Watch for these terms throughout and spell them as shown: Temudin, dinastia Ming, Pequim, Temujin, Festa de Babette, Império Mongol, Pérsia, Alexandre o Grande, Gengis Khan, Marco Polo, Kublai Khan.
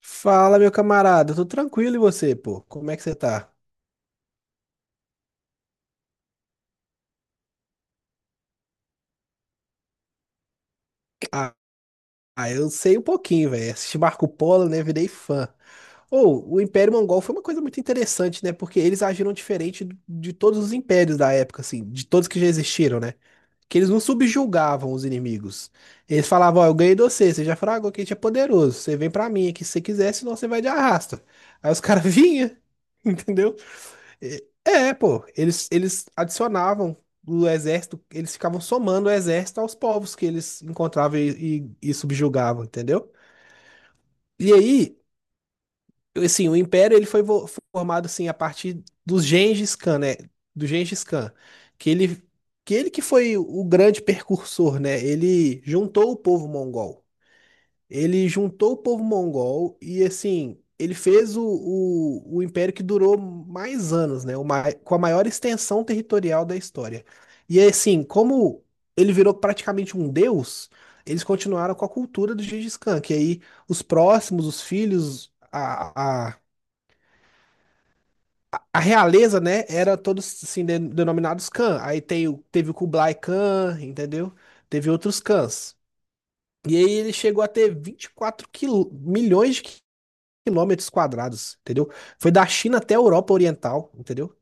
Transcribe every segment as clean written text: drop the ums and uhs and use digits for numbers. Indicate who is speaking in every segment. Speaker 1: Fala, meu camarada, tô tranquilo e você, pô? Como é que você tá? Ah, ah, eu sei um pouquinho, velho. Assisti Marco Polo, né? Virei fã. Ou, o Império Mongol foi uma coisa muito interessante, né? Porque eles agiram diferente de todos os impérios da época, assim, de todos que já existiram, né? Que eles não subjugavam os inimigos. Eles falavam, ó, eu ganhei de você, você já fragou que a gente é poderoso, você vem pra mim aqui se você quiser, senão você vai de arrasta. Aí os caras vinham, entendeu? É, é, pô, eles adicionavam o exército, eles ficavam somando o exército aos povos que eles encontravam e subjugavam, entendeu? E aí, assim, o Império ele foi formado assim a partir do Gengis Khan, né? Do Gengis Khan, que ele que foi o grande precursor, né? Ele juntou o povo mongol. Ele juntou o povo mongol e, assim, ele fez o império que durou mais anos, né? O com a maior extensão territorial da história. E, assim, como ele virou praticamente um deus, eles continuaram com a cultura do Gengis Khan, que aí os próximos, os filhos, a realeza, né? Era todos, assim, denominados Khan. Aí tem, teve o Kublai Khan, entendeu? Teve outros Khans. E aí ele chegou a ter 24 milhões de quilômetros quadrados, entendeu? Foi da China até a Europa Oriental, entendeu?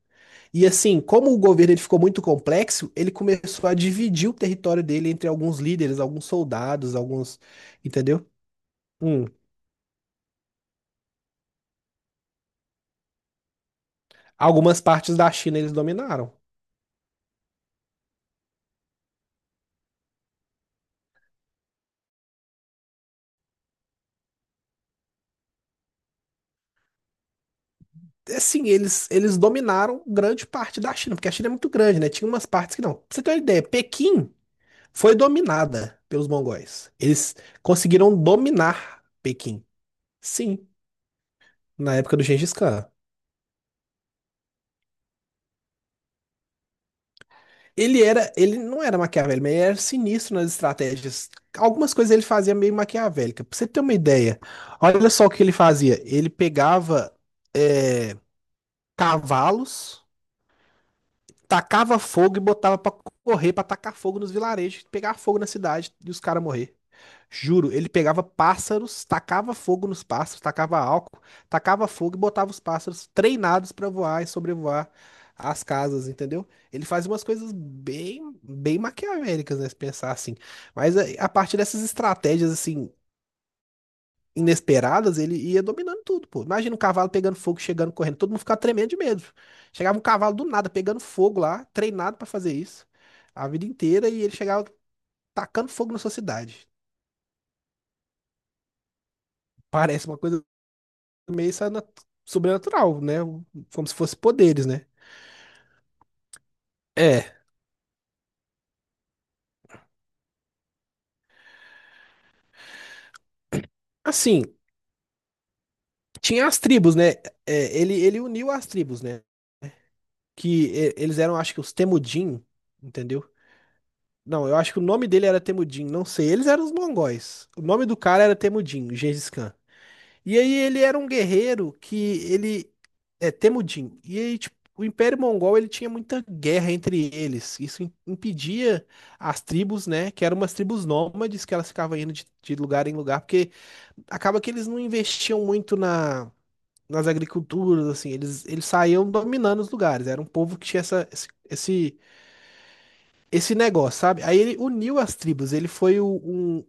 Speaker 1: E assim, como o governo ele ficou muito complexo, ele começou a dividir o território dele entre alguns líderes, alguns soldados, alguns, entendeu? Hum. Algumas partes da China eles dominaram. Assim, eles dominaram grande parte da China, porque a China é muito grande, né? Tinha umas partes que não. Pra você ter uma ideia, Pequim foi dominada pelos mongóis. Eles conseguiram dominar Pequim. Sim, na época do Gengis Khan. Ele era, ele não era maquiavélico, mas ele era sinistro nas estratégias. Algumas coisas ele fazia meio maquiavélica. Pra você ter uma ideia, olha só o que ele fazia. Ele pegava é, cavalos, tacava fogo e botava pra correr, pra tacar fogo nos vilarejos, pegar fogo na cidade e os caras morrer. Juro, ele pegava pássaros, tacava fogo nos pássaros, tacava álcool, tacava fogo e botava os pássaros treinados pra voar e sobrevoar as casas, entendeu? Ele faz umas coisas bem, bem maquiavélicas, né, se pensar assim. Mas a partir dessas estratégias assim inesperadas, ele ia dominando tudo, pô. Imagina um cavalo pegando fogo, chegando correndo, todo mundo ficava tremendo de medo. Chegava um cavalo do nada pegando fogo lá, treinado pra fazer isso a vida inteira e ele chegava tacando fogo na sua cidade. Parece uma coisa meio sobrenatural, né? Como se fosse poderes, né? É, assim, tinha as tribos, né? É, ele uniu as tribos, né? Que é, eles eram, acho que os Temudin, entendeu? Não, eu acho que o nome dele era Temudin, não sei. Eles eram os mongóis. O nome do cara era Temudin, Gengis Khan. E aí ele era um guerreiro que ele é Temujin. E aí, tipo, o Império Mongol ele tinha muita guerra entre eles. Isso impedia as tribos, né? Que eram umas tribos nômades que elas ficavam indo de lugar em lugar, porque acaba que eles não investiam muito na, nas agriculturas, assim, eles saíam dominando os lugares. Era um povo que tinha esse negócio, sabe? Aí ele uniu as tribos. Ele foi o- um,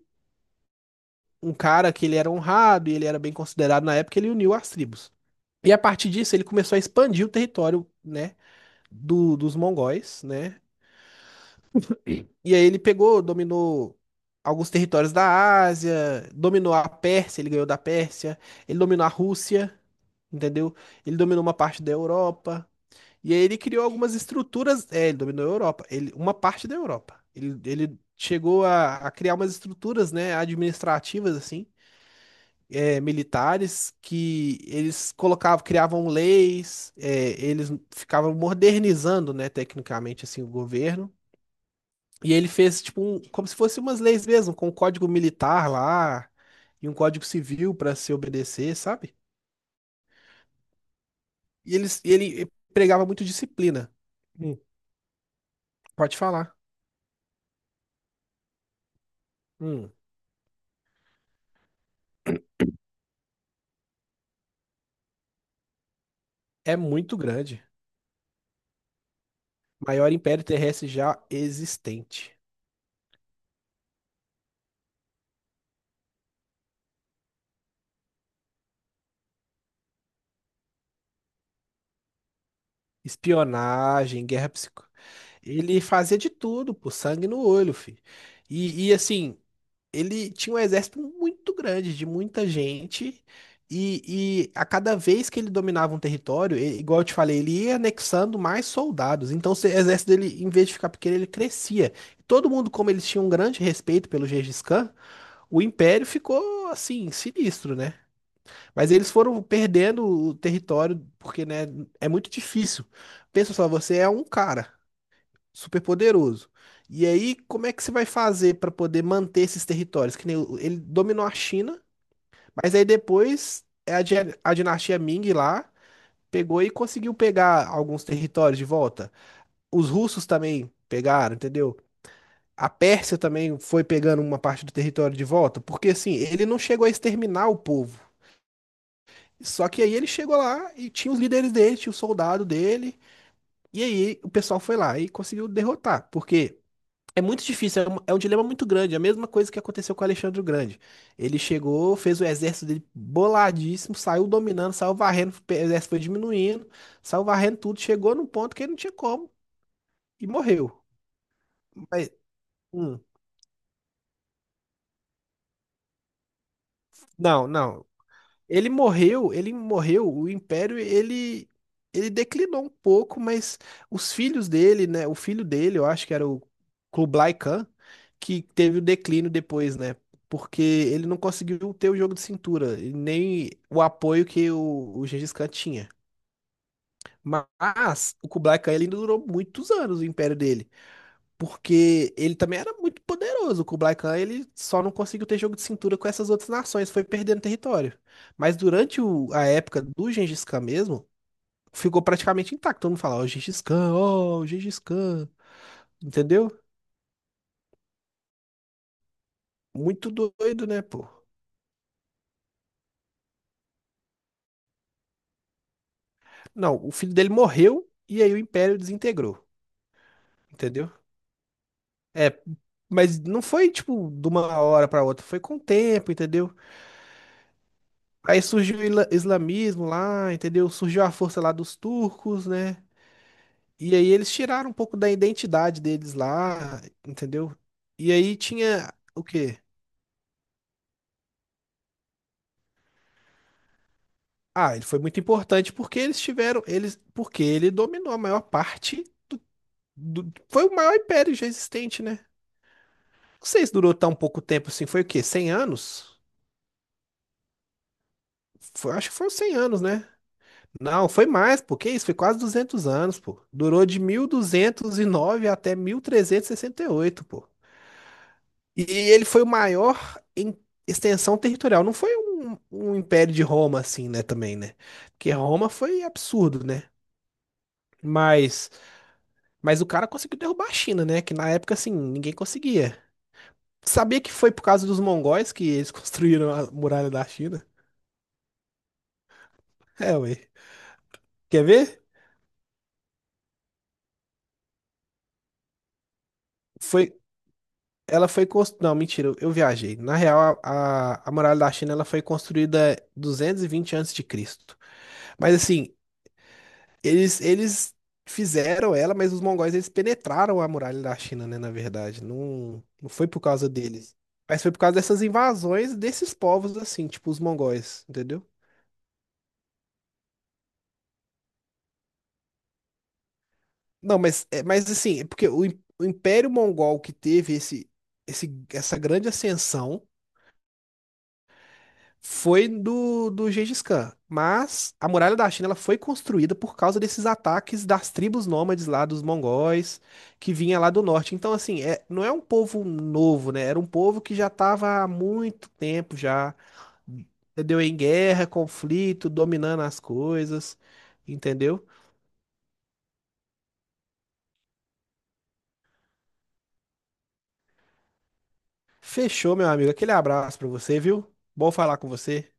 Speaker 1: um cara que ele era honrado e ele era bem considerado na época, ele uniu as tribos. E a partir disso, ele começou a expandir o território, né, dos mongóis, né? E aí ele pegou, dominou alguns territórios da Ásia, dominou a Pérsia, ele ganhou da Pérsia, ele dominou a Rússia, entendeu? Ele dominou uma parte da Europa. E aí ele criou algumas estruturas, é, ele dominou a Europa, ele, uma parte da Europa. Ele chegou a criar umas estruturas, né, administrativas, assim, militares que eles colocavam, criavam leis, eles ficavam modernizando, né, tecnicamente assim o governo. E ele fez tipo um, como se fossem umas leis mesmo, com um código militar lá e um código civil para se obedecer, sabe? E eles, e ele pregava muito disciplina. Hum, pode falar. Hum, é muito grande. Maior império terrestre já existente. Espionagem, guerra psico. Ele fazia de tudo, pô, sangue no olho, filho. E assim, ele tinha um exército muito grande, de muita gente, e a cada vez que ele dominava um território, igual eu te falei, ele ia anexando mais soldados. Então, o exército dele, em vez de ficar pequeno, ele crescia. Todo mundo, como eles tinham um grande respeito pelo Gengis Khan, o império ficou assim, sinistro, né? Mas eles foram perdendo o território, porque, né, é muito difícil. Pensa só, você é um cara super poderoso. E aí, como é que você vai fazer para poder manter esses territórios? Que nem ele dominou a China, mas aí depois é a dinastia Ming lá pegou e conseguiu pegar alguns territórios de volta. Os russos também pegaram, entendeu? A Pérsia também foi pegando uma parte do território de volta, porque assim, ele não chegou a exterminar o povo. Só que aí ele chegou lá e tinha os líderes dele, tinha o soldado dele. E aí o pessoal foi lá e conseguiu derrotar. Porque é muito difícil, é um dilema muito grande. É a mesma coisa que aconteceu com o Alexandre o Grande. Ele chegou, fez o exército dele boladíssimo, saiu dominando, saiu varrendo, o exército foi diminuindo, saiu varrendo tudo, chegou num ponto que ele não tinha como e morreu. Mas, hum, não, não. Ele morreu, o império ele declinou um pouco, mas os filhos dele, né, o filho dele, eu acho que era o Kublai Khan, que teve o declínio depois, né? Porque ele não conseguiu ter o jogo de cintura, e nem o apoio que o Gengis Khan tinha. Mas o Kublai Khan ele ainda durou muitos anos o império dele. Porque ele também era muito poderoso. O Kublai Khan, ele só não conseguiu ter jogo de cintura com essas outras nações, foi perdendo território. Mas durante a época do Gengis Khan mesmo, ficou praticamente intacto. Todo mundo fala, ó, oh, Gengis Khan, ó, oh, Gengis Khan. Entendeu? Muito doido, né, pô? Não, o filho dele morreu e aí o império desintegrou. Entendeu? É, mas não foi, tipo, de uma hora pra outra, foi com o tempo, entendeu? Aí surgiu o islamismo lá, entendeu? Surgiu a força lá dos turcos, né? E aí eles tiraram um pouco da identidade deles lá, entendeu? E aí tinha o quê? Ah, ele foi muito importante porque eles tiveram, eles, porque ele dominou a maior parte do, foi o maior império já existente, né? Não sei se durou tão pouco tempo assim, foi o quê? 100 anos? Acho que foram 100 anos, né? Não, foi mais, pô, que isso, foi quase 200 anos, pô. Durou de 1209 até mil trezentos e sessenta e oito, pô. E ele foi o maior em extensão territorial. Não foi um, um império de Roma, assim, né, também, né? Porque Roma foi absurdo, né? Mas, mas o cara conseguiu derrubar a China, né? Que na época, assim, ninguém conseguia. Sabia que foi por causa dos mongóis que eles construíram a muralha da China? É, ué. Quer ver? Foi, Ela foi construída. Não, mentira, eu viajei. Na real, a muralha da China ela foi construída 220 antes de Cristo. Mas assim, Eles fizeram ela, mas os mongóis eles penetraram a muralha da China, né? Na verdade, não, não foi por causa deles, mas foi por causa dessas invasões desses povos, assim, tipo os mongóis, entendeu? Não, mas, é, mas assim, é porque o, o Império Mongol que teve essa grande ascensão. Foi do, Gengis Khan. Mas a muralha da China ela foi construída por causa desses ataques das tribos nômades lá, dos mongóis, que vinha lá do norte. Então, assim, é, não é um povo novo, né? Era um povo que já estava há muito tempo já, entendeu? Em guerra, conflito, dominando as coisas, entendeu? Fechou, meu amigo. Aquele abraço pra você, viu? Bom falar com você.